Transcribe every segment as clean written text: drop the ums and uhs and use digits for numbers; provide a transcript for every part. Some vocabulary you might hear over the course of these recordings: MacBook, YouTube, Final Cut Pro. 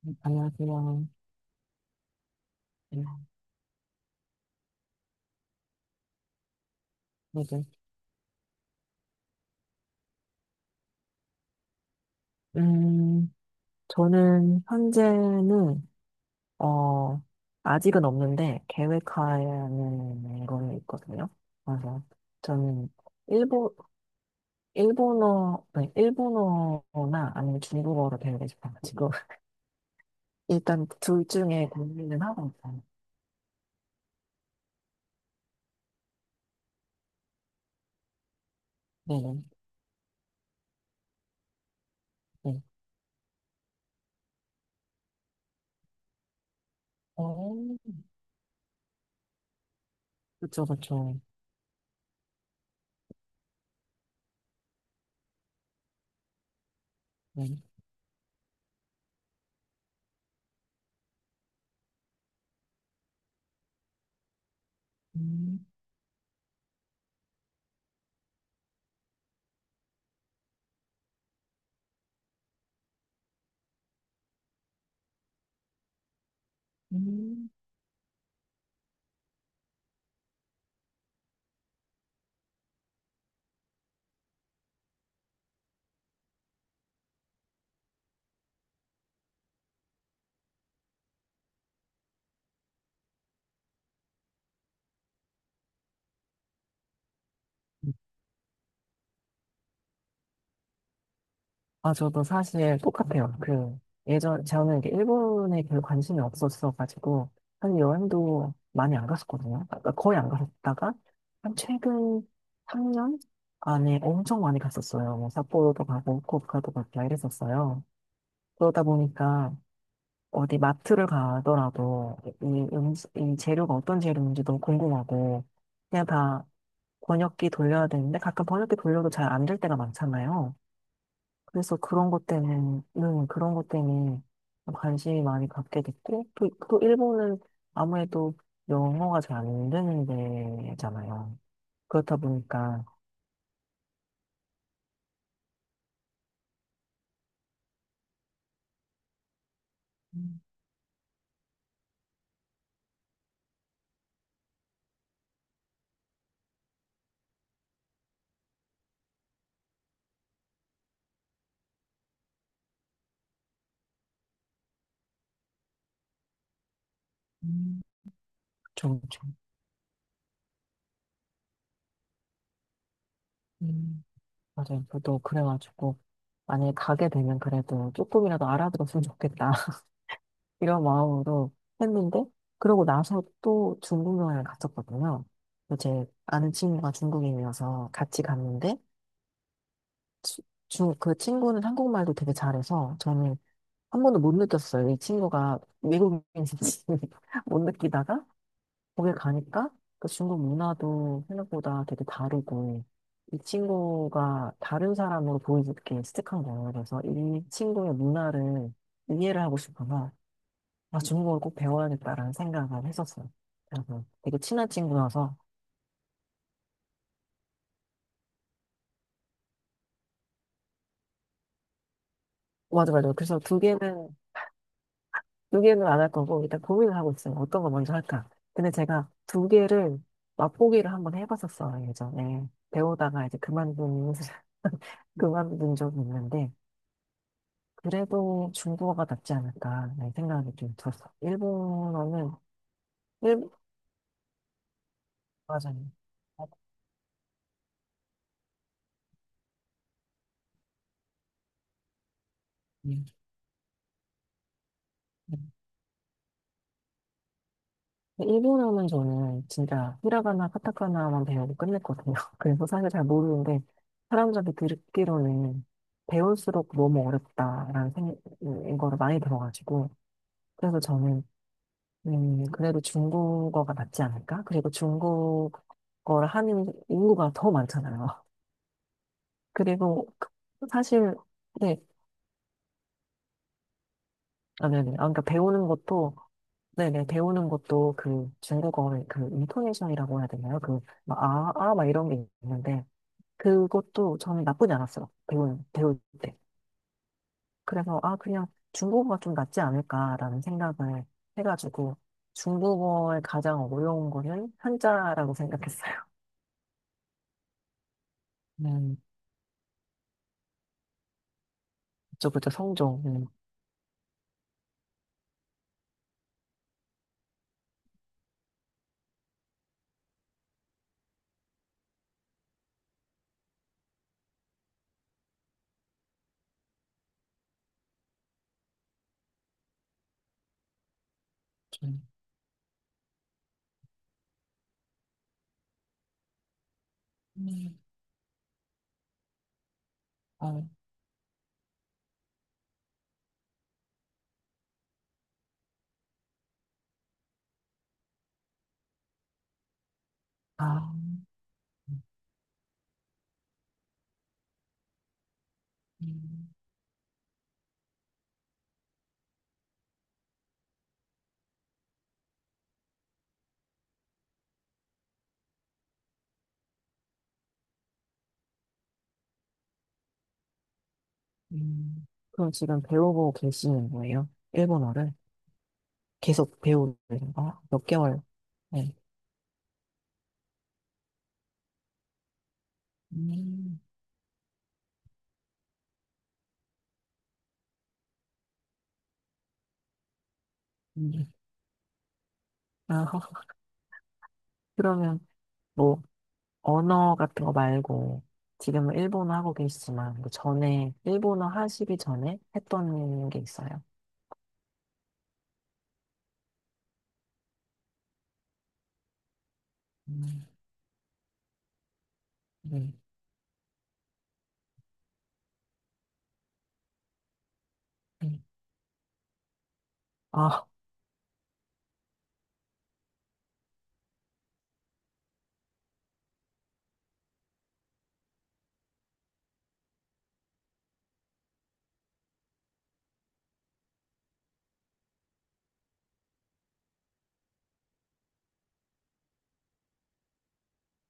네, 안녕하세요. 네, 네. 네. 음, 저는 현재는, 어, 아직은 없는데, 계획하는 거는 있거든요. 그래서 저는 일본, 일본어, 네, 일본어나 아니면 중국어로 배우고 싶어가지고, 일단 둘 중에 고민은 하고 있어요. 네네, 네. 어, 그쵸, 그쵸. 네. 음, 음. 아, 저도 사실 똑같아요. 그, 예전, 저는 이렇게 일본에 별로 관심이 없었어가지고, 사실 여행도 많이 안 갔었거든요. 그러니까 거의 안 갔었다가, 한 최근 3년 안에 엄청 많이 갔었어요. 뭐, 삿포로도 가고, 후쿠오카도 가고 이랬었어요. 그러다 보니까, 어디 마트를 가더라도, 이, 이 재료가 어떤 재료인지 너무 궁금하고, 그냥 다 번역기 돌려야 되는데, 가끔 번역기 돌려도 잘 안 될 때가 많잖아요. 그래서 그런 것 때문에 관심이 많이 갖게 됐고, 또, 또 일본은 아무래도 영어가 잘 안 되는 데잖아요. 그렇다 보니까, 음, 음, 좀, 좀, 음. 맞아요. 저도 그래가지고, 만약에 가게 되면 그래도 조금이라도 알아들었으면 좋겠다. 이런 마음으로 했는데, 그러고 나서 또 중국 여행을 갔었거든요. 제 아는 친구가 중국인이어서 같이 갔는데, 치- 그 친구는 한국말도 되게 잘해서 저는 한 번도 못 느꼈어요. 이 친구가 외국인인지 못 느끼다가 거기 가니까 그 중국 문화도 생각보다 되게 다르고 이 친구가 다른 사람으로 보이게 스틱한 거예요. 그래서 이 친구의 문화를 이해를 하고 싶어서 중국어를 꼭 배워야겠다라는 생각을 했었어요. 그래서 되게 친한 친구여서 맞아 맞아. 그래서 두 개는 안 할 거고 일단 고민을 하고 있어요. 어떤 거 먼저 할까? 근데 제가 두 개를 맛보기를 한번 해봤었어요, 예전에. 배우다가 이제 그만둔, 그만둔 적이 있는데, 그래도 중국어가 낫지 않을까, 라는 생각이 좀 들었어요. 일본어는, 일, 맞아요. 아, 음, 음. 일본어는 저는 진짜 히라가나, 카타카나만 배우고 끝냈거든요. 그래서 사실 잘 모르는데, 사람들한테 듣기로는 배울수록 너무 어렵다라는 생각인 거를 많이 들어가지고, 그래서 저는 그래도 중국어가 낫지 않을까? 그리고 중국어를 하는 인구가 더 많잖아요. 그리고 그 사실 네, 아, 네네. 아, 그러니까 배우는 것도 네네 배우는 것도 그 중국어의 그 인토네이션이라고 해야 되나요? 그 막, 막 이런 게 있는데 그것도 저는 나쁘지 않았어요. 배우는 배울 때. 그래서 아 그냥 중국어가 좀 낫지 않을까라는 생각을 해가지고 중국어의 가장 어려운 거는 한자라고 생각했어요. 음, 그쵸, 그쵸, 성종. 좀, 음, 어, 아, 아, 음, 음. 그럼 지금 배우고 계시는 거예요? 일본어를? 계속 배우는 거? 몇 개월? 네. 음, 음. 아, 그러면 뭐, 언어 같은 거 말고, 지금은 일본어 하고 계시지만, 그 전에, 일본어 하시기 전에 했던 게 있어요? 음, 음, 음. 아,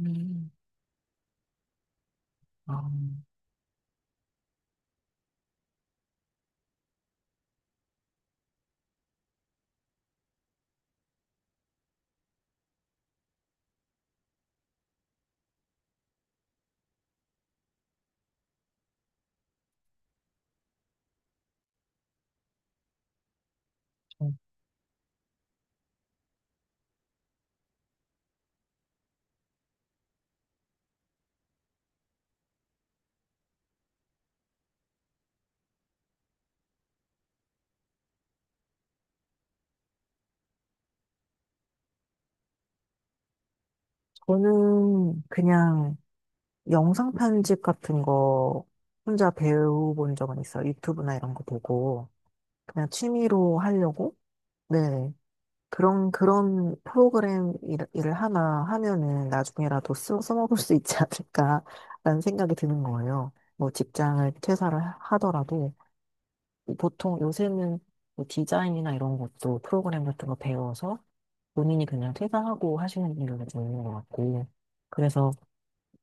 음. 아, 저- 저는 그냥, 영상 편집 같은 거 혼자 배워본 적은 있어요. 유튜브나 이런 거 보고. 그냥 취미로 하려고? 네. 그런, 그런 프로그램 을 하나 하면은 나중에라도 써먹을 수 있지 않을까라는 생각이 드는 거예요. 뭐 직장을 퇴사를 하더라도 보통 요새는 뭐 디자인이나 이런 것도 프로그램 같은 거 배워서 본인이 그냥 퇴사하고 하시는 분들도 있는 것 같고. 그래서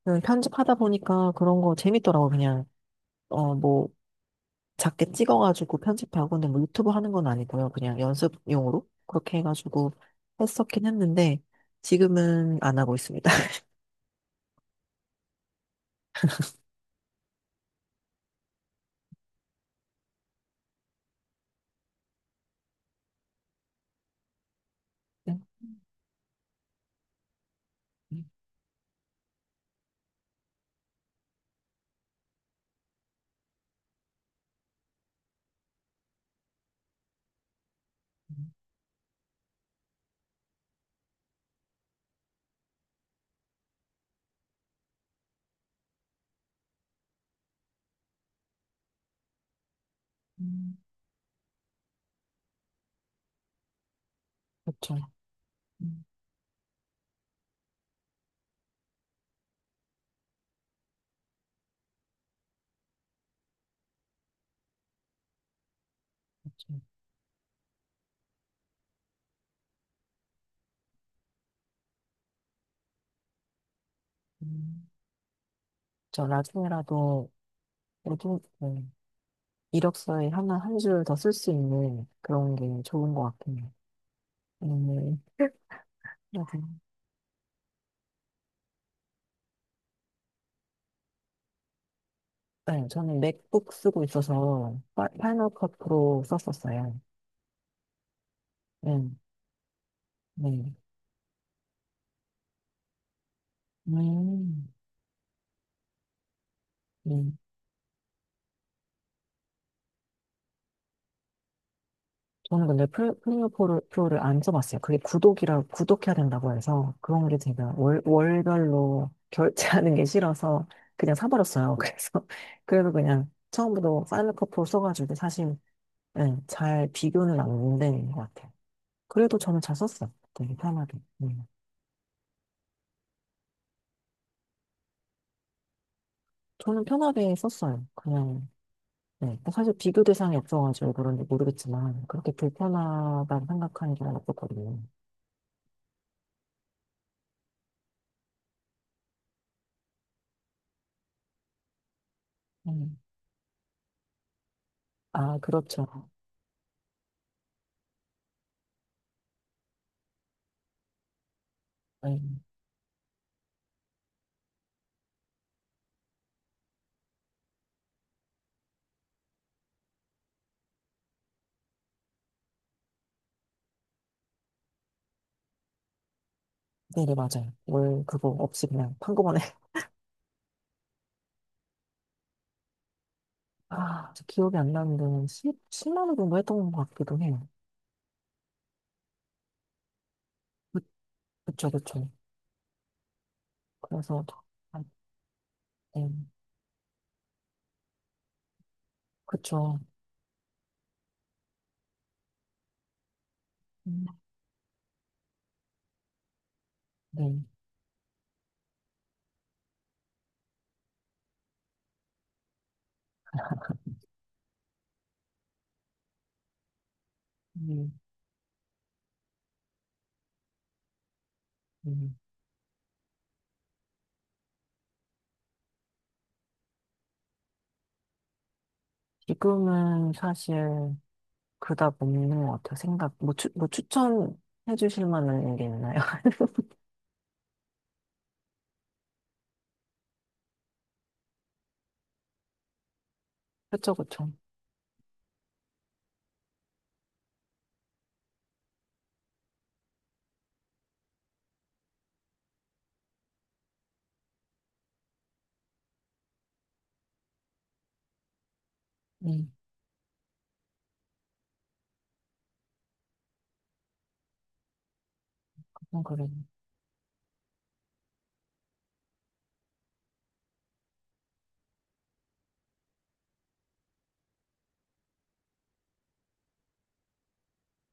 그냥 편집하다 보니까 그런 거 재밌더라고, 그냥. 어, 뭐, 작게 찍어가지고 편집하고, 근데 뭐 유튜브 하는 건 아니고요. 그냥 연습용으로 그렇게 해가지고 했었긴 했는데, 지금은 안 하고 있습니다. 네. 음, 음, 음. 그렇죠. 음, 그렇죠. 음. 저 나중에라도, 모두, 이력서에 하나, 한 줄 더 쓸 수 있는 그런 게 좋은 것 같긴 해요. 음, 맞아요. 네, 저는 맥북 쓰고 있어서, 파이널 컷 프로 썼었어요. 네, 네. 음. 음. 저는 근데 플레이어 프로를 안 써봤어요. 그게 구독이라, 구독해야 된다고 해서 그런 게 제가 월별로 결제하는 게 싫어서 그냥 사버렸어요. 그래서, 그래서 그냥 처음부터 파이널 컷 프로 써가지고 사실, 예, 잘 비교는 안 되는 것 같아요. 그래도 저는 잘 썼어요. 되게 편하게. 음. 저는 편하게 썼어요. 그냥, 네. 사실 비교 대상이 없어가지고 그런지 모르겠지만 그렇게 불편하다고 생각하는 게 없었거든요. 음. 아, 그렇죠. 네. 네네, 맞아요. 월 그거 없이 그냥 한꺼번에. 아, 저 기억이 안 나는데, 십십 10만 원 정도 했던 것 같기도 해요. 그, 그쵸, 그쵸. 그래서, 아, 네, 그쵸. 음, 네. 음, 음. 지금은 사실 그닥 없는 것 같아요. 뭐 추천해 주실 만한 게 있나요? 그쵸, 그쵸. 네, 그건 그래요.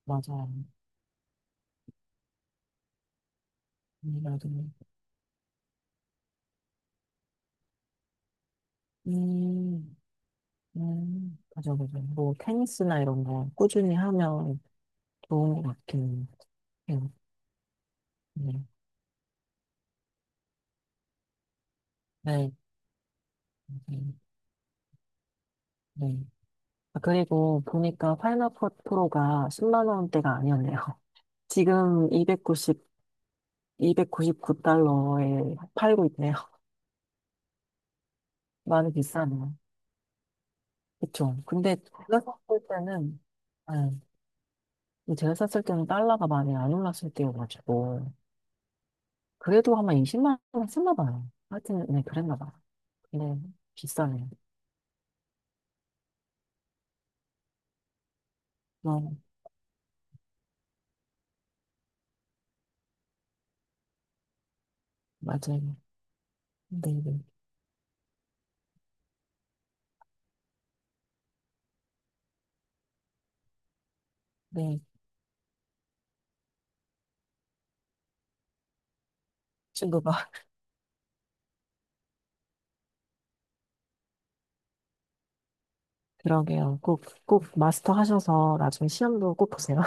맞아요. 나중에. 음, 맞아, 맞아. 뭐, 테니스나 이런 거 꾸준히 하면 좋은 것 같긴 해요. 네. 네. 네. 네. 아, 그리고 보니까 파이널 컷 프로가 10만 원대가 아니었네요. 지금 2 9백구9구달러에 팔고 있네요. 많이 비싸네요. 그쵸. 근데 제가 샀을 때는, 네. 제가 샀을 때는 달러가 많이 안 올랐을 때여가지고, 그래도 아마 20만 원 했나 봐요. 하여튼, 네, 그랬나 봐요. 네, 비싸네요. 어, 맞아요. 네, 네. 네, 친구가 그러게요. 꼭, 꼭 마스터 하셔서 나중에 시험도 꼭 보세요.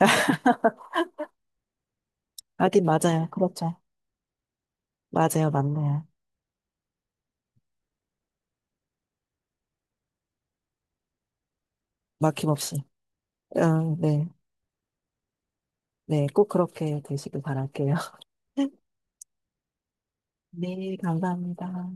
하긴 맞아요. 그렇죠. 맞아요. 맞네요. 막힘없이. 어, 네. 네. 꼭 그렇게 되시길 바랄게요. 네. 감사합니다.